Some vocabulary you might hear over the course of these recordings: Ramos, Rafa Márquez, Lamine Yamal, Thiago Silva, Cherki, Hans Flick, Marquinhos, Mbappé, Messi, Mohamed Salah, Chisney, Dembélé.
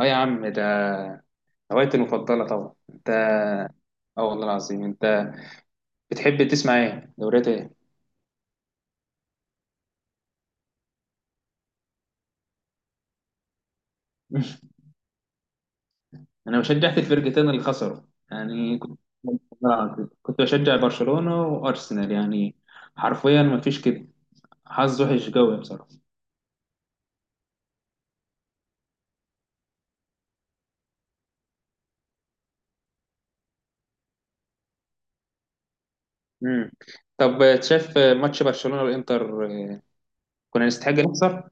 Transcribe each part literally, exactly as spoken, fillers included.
اه يا عم، ده هوايتي المفضلة طبعا. انت اه والله العظيم. انت بتحب تسمع ايه؟ دوريات ايه؟ انا شجعت الفرقتين اللي خسروا يعني، كنت والله العظيم كنت بشجع برشلونة وارسنال يعني، حرفيا ما فيش كده. حظ وحش قوي بصراحة. امم طب شايف ماتش برشلونة والانتر؟ اه، كنا نستحق نخسر.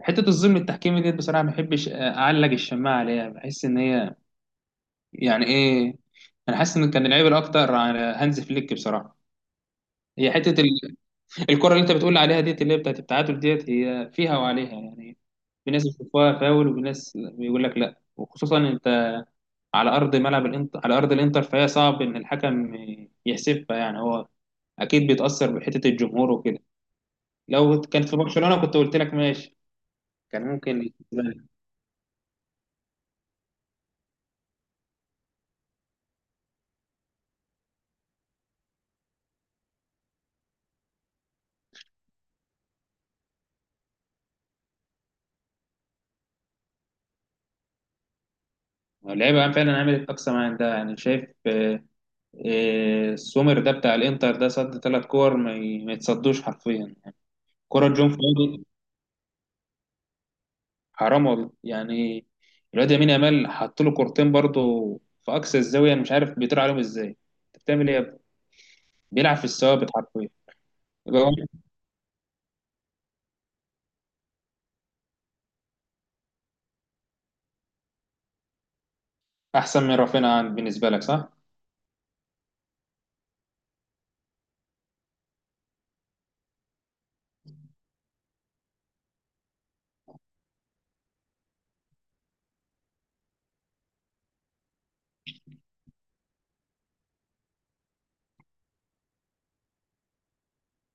حتة الظلم التحكيمي دي بصراحة ما بحبش آه، اعلق الشماعة عليها، بحس ان هي يعني ايه، انا حاسس ان كان العيب الاكتر على هانز فليك بصراحة. هي حته ال- الكره اللي انت بتقول عليها ديت، اللي هي بتاعت التعادل، ديت هي فيها وعليها يعني. في ناس بتشوفها فاول وفي ناس بيقول لك لا، وخصوصا انت على ارض ملعب الانتر، على ارض الانتر، فهي صعب ان الحكم يحسبها يعني. هو اكيد بيتاثر بحته الجمهور وكده. لو كانت في برشلونه كنت قلت لك ماشي، كان ممكن يتحسبها. اللعيبه فعلا عملت اقصى ما عندها يعني، شايف؟ آه، آه، السومر ده بتاع الانتر ده صد ثلاث كور ما ي- ما يتصدوش حرفيا يعني. كره جون فاضي، حرام والله يعني. الواد يمين يامال حط له كورتين برضه في اقصى الزاويه، انا مش عارف بيطير عليهم ازاي. انت بتعمل ايه يا ابني؟ بيلعب في الثوابت حرفيا. يبقى هو احسن من رافينيا عن- بالنسبه لك، صح؟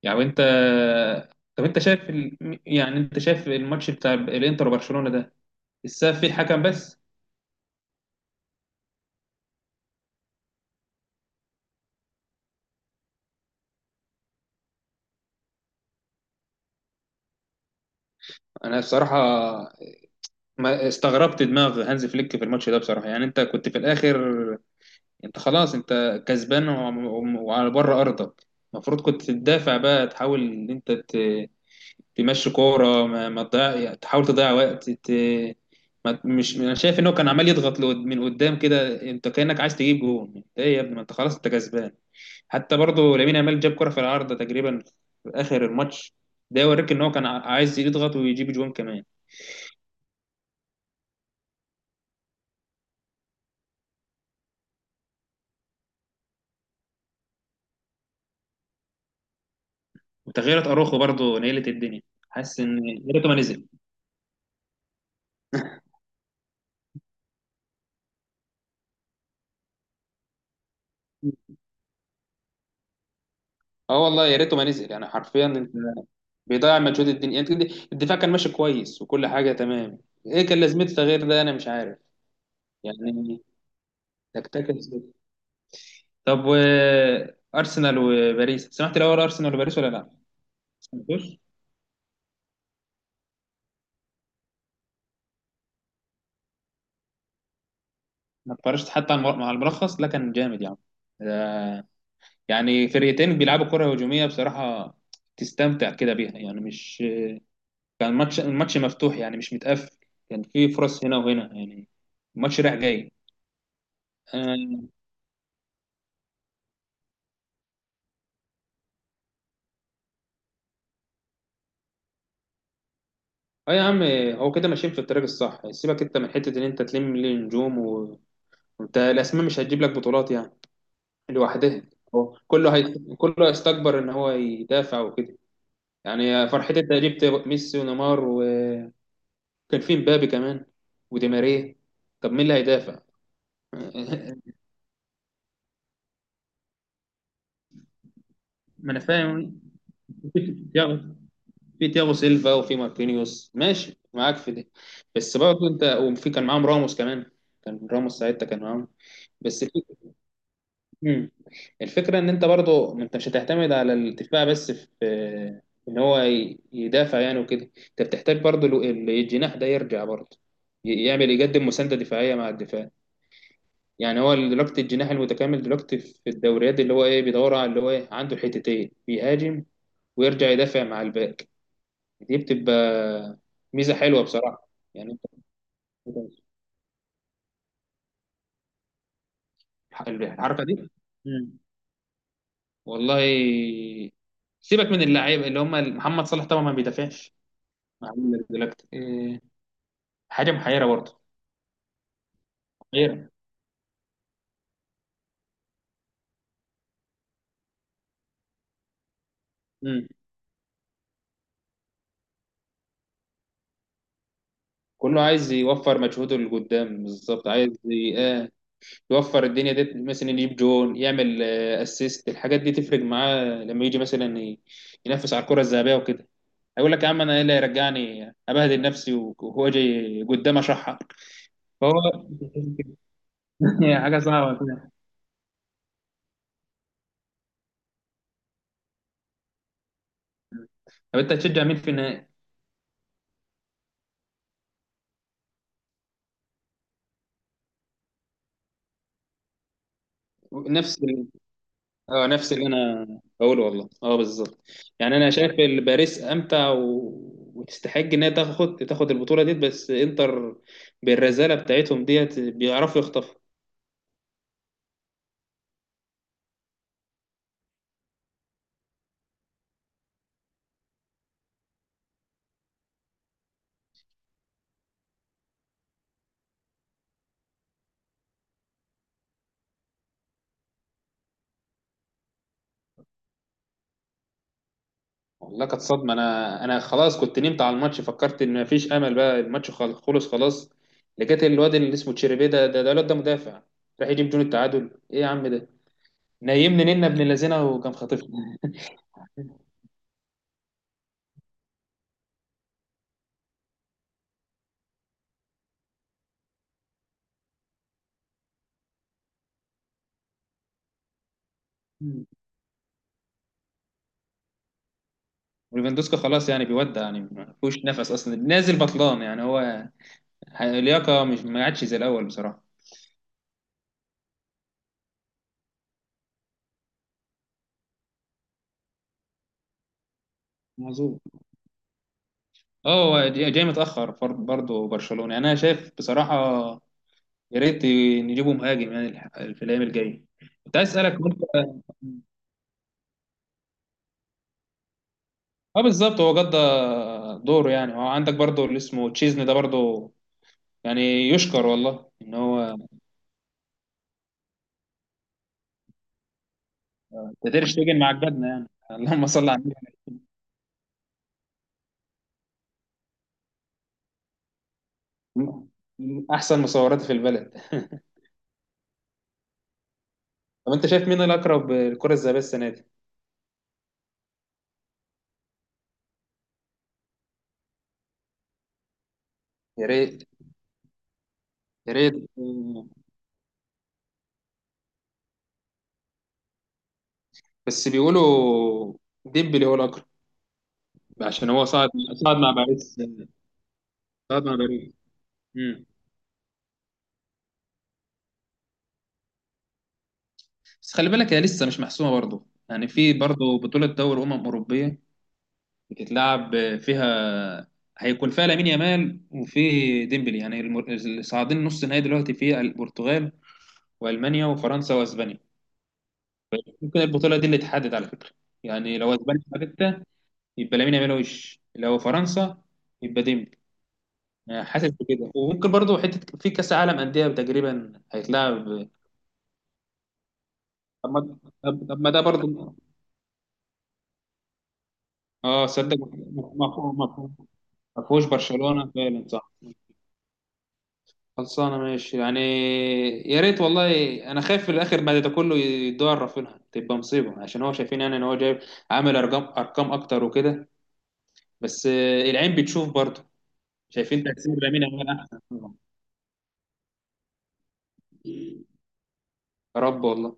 يعني انت، طب انت شايف ال... يعني انت شايف الماتش بتاع الانتر وبرشلونه ده السبب فيه الحكم بس؟ انا بصراحه ما استغربت دماغ هانز فليك في الماتش ده بصراحه يعني. انت كنت في الاخر، انت خلاص انت كسبان وعم- وعم- وعلى بره ارضك، المفروض كنت تدافع بقى، تحاول ان انت ت- تمشي كوره ما, ما تضيع، يعني تحاول تضيع وقت ت... ما مش، انا شايف ان هو كان عمال يضغط لقد- من قدام كده. انت كانك عايز تجيب جون، انت ايه يا ابني؟ ما انت خلاص انت كسبان. حتى برضه لامين يامال جاب كره في العارضه تقريبا في اخر الماتش، ده يوريك ان هو كان ع- عايز يضغط ويجيب جون كمان. وتغييرات اروخو برضه نيلت الدنيا، حاسس ان يا ريته ما نزل. اه والله، يا ريته ما نزل يعني حرفيا. انت بيضيع مجهود الدنيا. انت الدفاع كان ماشي كويس وكل حاجه تمام، ايه كان لازمته تغيير ده؟ انا مش عارف يعني. تكتكل زي- طب، و ارسنال وباريس، سمعت الاول ارسنال وباريس ولا لا؟ سمعتوش؟ ما اتفرجت حتى على المر- مع الملخص. لا كان جامد يعني، ده- يعني فرقتين بيلعبوا كره هجوميه بصراحه، تستمتع كده بيها يعني، مش كان ماتش الماتش مفتوح يعني مش متقفل، كان في فرص هنا وهنا يعني، الماتش رايح جاي. آه، اه يا عم، هو كده ماشيين في الطريق الصح. سيبك انت من حته ان انت تلم لي نجوم و- وانت الاسماء مش هتجيب لك بطولات يعني لوحدها. هو كله هي... كله هيستكبر ان هو يدافع وكده يعني. فرحتي انت جبت ميسي ونيمار، وكان في مبابي كمان ودي ماريا، طب مين اللي هيدافع؟ ما انا فاهم، في تياغو في تياغو سيلفا، وفي ماركينيوس ماشي معاك في دي، بس برضه انت، وفي كان معاهم راموس كمان، كان راموس ساعتها كان معاهم بس. مم. الفكرة إن أنت برضو، ما أنت مش هتعتمد على الدفاع بس في إن هو ي- يدافع يعني وكده. أنت بتحتاج برضو ال- ال- الجناح ده يرجع برضو، ي- يعمل، يقدم مساندة دفاعية مع الدفاع يعني. هو دلوقتي الجناح المتكامل دلوقتي في الدوريات، اللي هو إيه، بيدور على اللي هو إيه عنده الحتتين، بيهاجم ويرجع يدافع مع الباك. دي بتبقى ميزة حلوة بصراحة يعني. أنت الحركة دي. مم. والله سيبك من اللعيبه اللي هم محمد صلاح، طبعا ما بيدافعش، عامل دلوقتي إيه؟ حاجة محيرة برضه. محيرة. مم. كله عايز يوفر مجهوده لقدام بالظبط، عايز ي- آه يوفر الدنيا دي، مثلا يجيب جون، يعمل آه اسيست، الحاجات دي تفرق معاه لما يجي مثلا ي- ينافس على الكرة الذهبية وكده. هيقول لك يا عم، انا ايه اللي هيرجعني ابهدل نفسي وهو جاي قدام اشحر؟ فهو هي حاجة صعبة كده. طب انت هتشجع مين في النهائي؟ نفس، اه نفس اللي انا بقوله والله، اه بالظبط. يعني انا شايف ال- باريس امتع و... وتستحق انها تاخد تاخد البطوله ديت، بس انتر بالرزاله بتاعتهم ديت بيعرفوا يخطفوا. والله كانت صدمه، انا انا خلاص كنت نمت على الماتش، فكرت ان مفيش امل بقى، الماتش خل- خلص خلاص، لقيت الواد اللي اسمه تشيربي ده، ده ده الواد ده مدافع، راح يجيب جون التعادل! ايه يا عم ده؟ نيمني نينا ابن اللذينه، وكان خاطفنا. وليفاندوسكا خلاص يعني، بيودع يعني ما فيهوش نفس اصلا، نازل بطلان يعني. هو اللياقه مش ما عادش زي الاول بصراحه. معذور. اه هو جاي جاي متاخر فر- برضه برشلونه يعني انا شايف بصراحه، يا ريت نجيبه مهاجم يعني الح- في الايام الجايه. كنت عايز اسالك، وانت اه بالظبط، هو قضى دوره يعني. هو عندك برضه اللي اسمه تشيزني ده برضه يعني يشكر والله ان هو تقدر تيجي مع جدنا يعني اللهم صل على النبي، من احسن مصورات في البلد. طب انت شايف مين الاقرب الكره الذهبيه السنه دي؟ يا ريت، يا ريت. بس بيقولوا ديمبلي هو الأقرب عشان هو صعد صعد مع باريس صعد مع باريس. مم. بس خلي بالك، هي لسه مش محسومة برضه، يعني في برضه بطولة دوري أمم أوروبية بتتلعب فيها، هيكون فيها لامين يامال وفي ديمبلي يعني، الم- اللي صاعدين نص نهائي دلوقتي في البرتغال وألمانيا وفرنسا وأسبانيا. ممكن البطولة دي اللي تحدد على فكرة، يعني لو أسبانيا خدتها يبقى لامين يامال، وش لو فرنسا يبقى ديمبلي. أنا حاسس بكده. وممكن برضو حته في كاس عالم انديه تقريبا هيتلعب. طب ما، طب طب ما ده برضو. اه صدق، مفهوم مفهوم. ما فيهوش برشلونه فعلا، صح خلصانه ماشي يعني، يا ريت والله. انا خايف في الاخر بعد ده كله يدور رافينها تبقى مصيبه، عشان هو شايفين يعني ان هو جايب، عامل ارقام، ارقام اكتر وكده، بس آه، العين بتشوف برضه. شايفين تاثير لامين يامال احسن. يا رب والله.